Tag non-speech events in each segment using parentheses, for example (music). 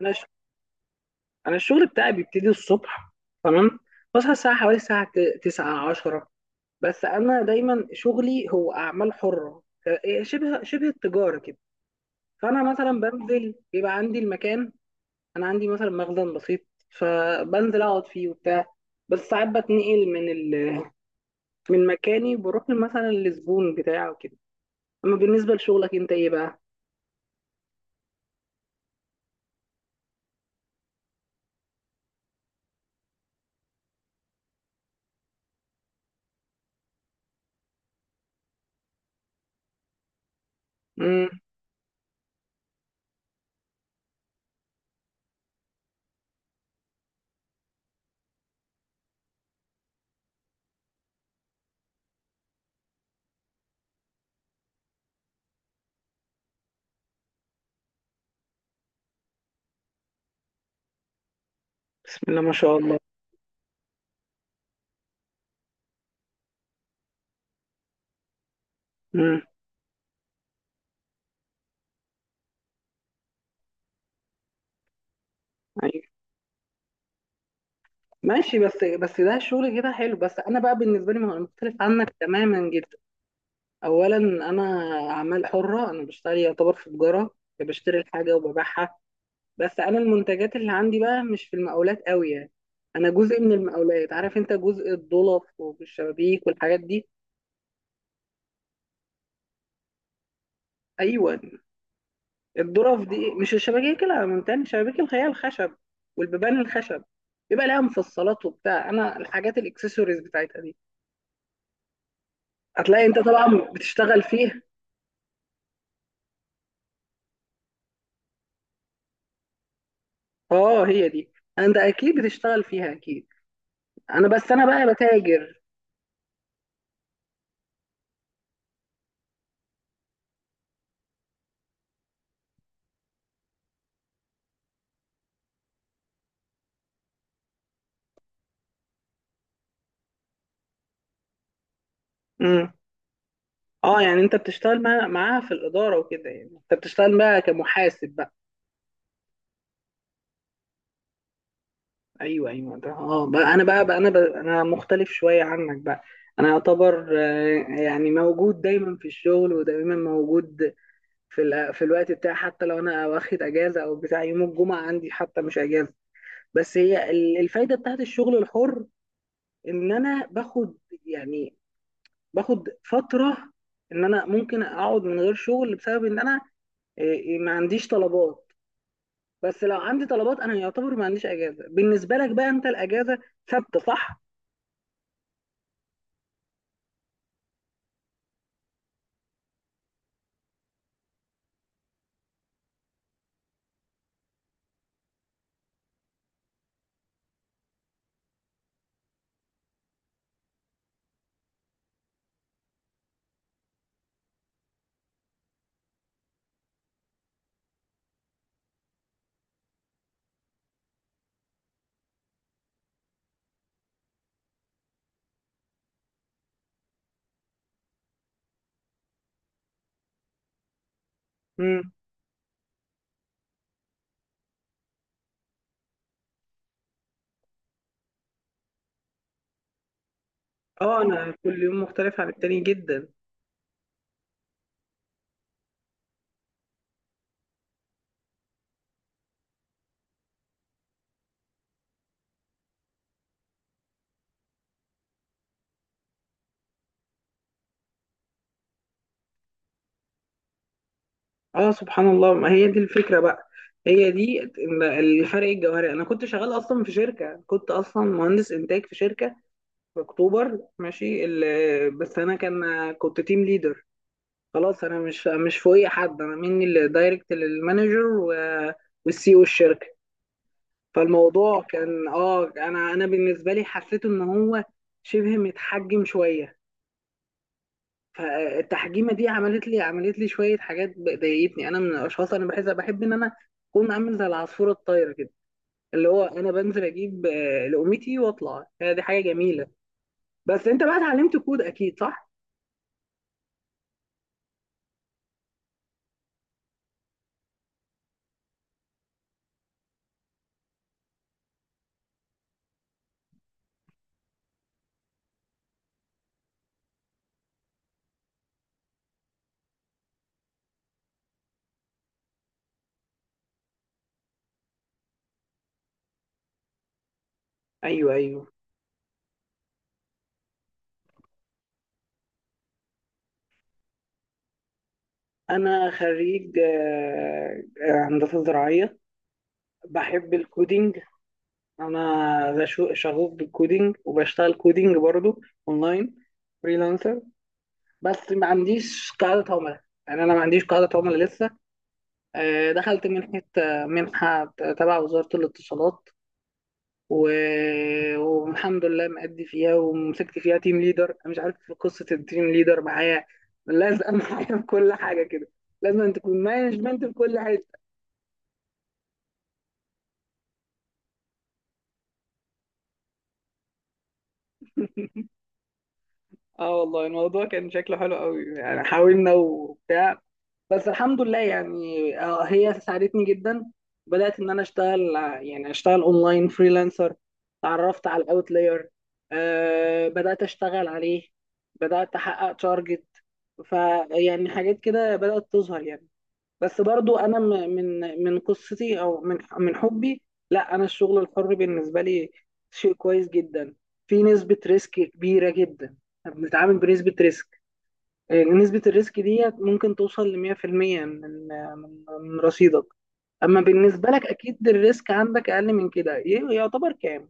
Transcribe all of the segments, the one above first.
انا ش... انا الشغل بتاعي بيبتدي الصبح. تمام. بصحى الساعه، حوالي الساعه 9 10. بس انا دايما شغلي هو اعمال حره. إيه، شبه التجاره كده. فانا مثلا بنزل، بيبقى عندي المكان. انا عندي مثلا مخزن بسيط، فبنزل اقعد فيه وبتاع. بس ساعات بتنقل من مكاني، بروح مثلا للزبون بتاعه كده. اما بالنسبه لشغلك انت، ايه بقى؟ امم. بسم الله ما شاء الله. امم. ماشي. بس ده شغل كده حلو، بس انا بقى بالنسبه لي مختلف عنك تماما جدا. اولا انا، اعمال حره، انا بشتغل يعتبر في تجاره، بشتري الحاجه وببيعها. بس انا المنتجات اللي عندي بقى مش في المقاولات قوي يعني. انا جزء من المقاولات، عارف انت، جزء الضلف والشبابيك والحاجات دي. ايوه. الضلف دي مش الشبابيك، لا، من تاني الشبابيك اللي هي الخشب، والبيبان الخشب. يبقى لها مفصلات وبتاع. انا الحاجات الاكسسوارز بتاعتها دي هتلاقي انت طبعا بتشتغل فيها. اه، هي دي. انت اكيد بتشتغل فيها اكيد. انا، بس انا بقى بتاجر. امم. اه، يعني انت بتشتغل معاها في الاداره وكده، يعني انت بتشتغل بقى كمحاسب بقى. ايوه، ايوه، ده. اه بقى انا مختلف شويه عنك بقى. انا يعتبر، يعني موجود دايما في الشغل، ودايما موجود في الوقت بتاعي. حتى لو انا واخد اجازه او بتاع، يوم الجمعه عندي حتى مش اجازه. بس هي الفايده بتاعت الشغل الحر ان انا باخد، يعني باخد فتره، ان انا ممكن اقعد من غير شغل بسبب ان انا، إيه، ما عنديش طلبات. بس لو عندي طلبات، انا يعتبر ما عنديش اجازه. بالنسبه لك بقى، انت الاجازه ثابته، صح؟ امم. اه، انا كل يوم مختلف عن التاني جدا. اه، سبحان الله، ما هي دي الفكره بقى. هي دي الفرق الجوهري. انا كنت شغال اصلا في شركه، كنت اصلا مهندس انتاج في شركه في اكتوبر، بس انا كان كنت تيم ليدر. خلاص، انا مش فوقي حد، انا مني اللي دايركت للمانجر والسي او الشركه. فالموضوع كان، انا بالنسبه لي حسيت ان هو شبه متحجم شويه. فالتحجيمه دي عملت لي شويه حاجات ضايقتني. انا من الاشخاص، انا بحس، بحب ان انا اكون عامل زي العصفوره الطايره كده، اللي هو انا بنزل اجيب لقمتي واطلع. هي دي حاجه جميله. بس انت بقى اتعلمت كود اكيد، صح؟ ايوه، ايوه. انا خريج، هندسه زراعيه. بحب الكودينج. انا شغوف بالكودينج، وبشتغل كودينج برضو، اونلاين، فريلانسر. بس ما عنديش قاعدة عملاء، يعني انا ما عنديش قاعدة عملاء لسه. دخلت منحة تبع وزارة الاتصالات، و... والحمد لله مأدي فيها، ومسكت فيها تيم ليدر. أنا مش عارف في قصة التيم ليدر معايا، لازقة (laughs) معايا في كل حاجة كده. لازم أن تكون مانجمنت في كل حاجة. اه والله الموضوع كان شكله حلو قوي، يعني حاولنا وبتاع. بس الحمد لله، يعني هي ساعدتني جدا. بدأت ان انا يعني اشتغل اونلاين فريلانسر. اتعرفت على الاوتلاير، أه، بدأت اشتغل عليه، بدأت احقق تارجت، فيعني حاجات كده بدأت تظهر يعني. بس برضو انا من قصتي، او من حبي، لا، انا الشغل الحر بالنسبه لي شيء كويس جدا. في نسبه ريسك كبيره جدا، بنتعامل بنسبه ريسك، نسبه الريسك دي ممكن توصل ل 100%، من آه، من من رصيدك. اما بالنسبه لك، اكيد الريسك عندك اقل من كده، يعتبر كام؟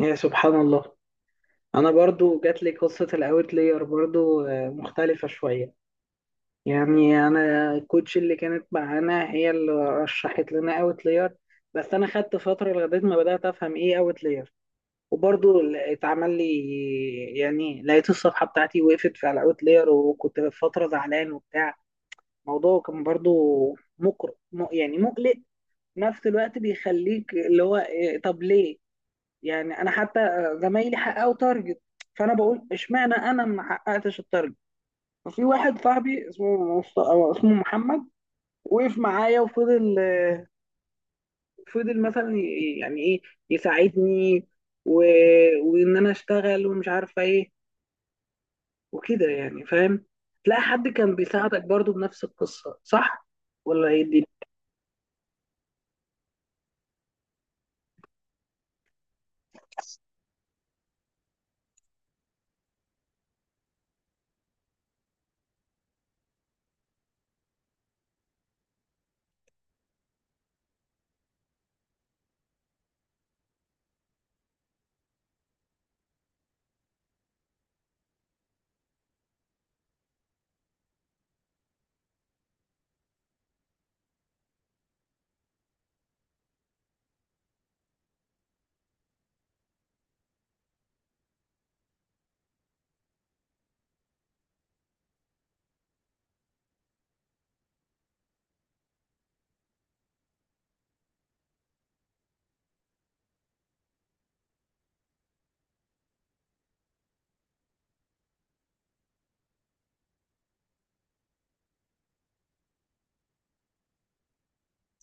يا سبحان الله. انا برضو جات لي قصه الاوتلاير برضو، مختلفه شويه. يعني انا الكوتش اللي كانت معانا هي اللي رشحت لنا اوت لير. بس انا خدت فتره لغايه ما بدات افهم ايه اوت لير، وبرضه اتعمل لي، يعني لقيت الصفحه بتاعتي وقفت في الاوت لير، وكنت في فتره زعلان وبتاع. الموضوع كان برضه يعني مقلق، في نفس الوقت بيخليك اللي هو إيه، طب ليه؟ يعني انا حتى، زمايلي حققوا تارجت. فانا بقول اشمعنى انا ما حققتش التارجت. ففي واحد صاحبي اسمه محمد، وقف معايا وفضل، فضل مثلا يعني ايه، يساعدني، و... وان انا اشتغل ومش عارفه ايه وكده، يعني فاهم. تلاقي حد كان بيساعدك برضو بنفس القصه، صح؟ ولا ايه دي؟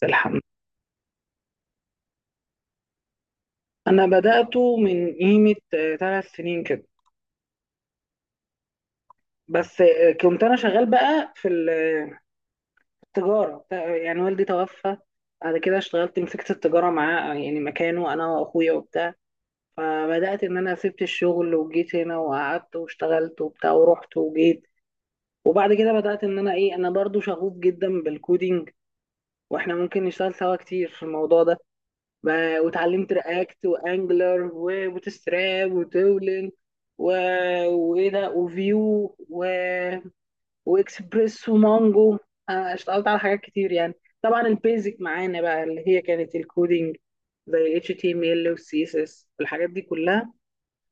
الحمد. انا بدأته من قيمه، 3 سنين كده. بس كنت انا شغال بقى في ال- آه، التجاره يعني، والدي توفى، بعد كده اشتغلت، مسكت التجاره معاه يعني مكانه، انا واخويا وبتاع. فبدأت إن أنا سبت الشغل وجيت هنا وقعدت واشتغلت وبتاع ورحت وجيت. وبعد كده بدأت إن أنا، إيه، أنا برضو شغوف جدا بالكودينج، وإحنا ممكن نشتغل سوا كتير في الموضوع ده. واتعلمت رياكت وأنجلر وبوتستراب وتولن، و... وإيه ده، وفيو، وإكسبريس ومانجو. أنا اشتغلت على حاجات كتير يعني. طبعا البيزك معانا بقى اللي هي كانت الكودينج، زي ال HTML وال CSS والحاجات دي كلها.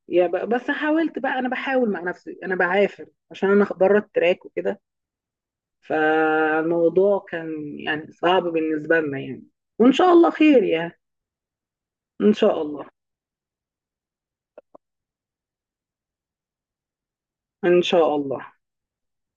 بس حاولت بقى، انا بحاول مع نفسي، انا بعافر عشان انا بره التراك وكده. فالموضوع كان يعني صعب بالنسبه لنا يعني، وان شاء الله خير يعني. ان شاء الله، ان شاء الله.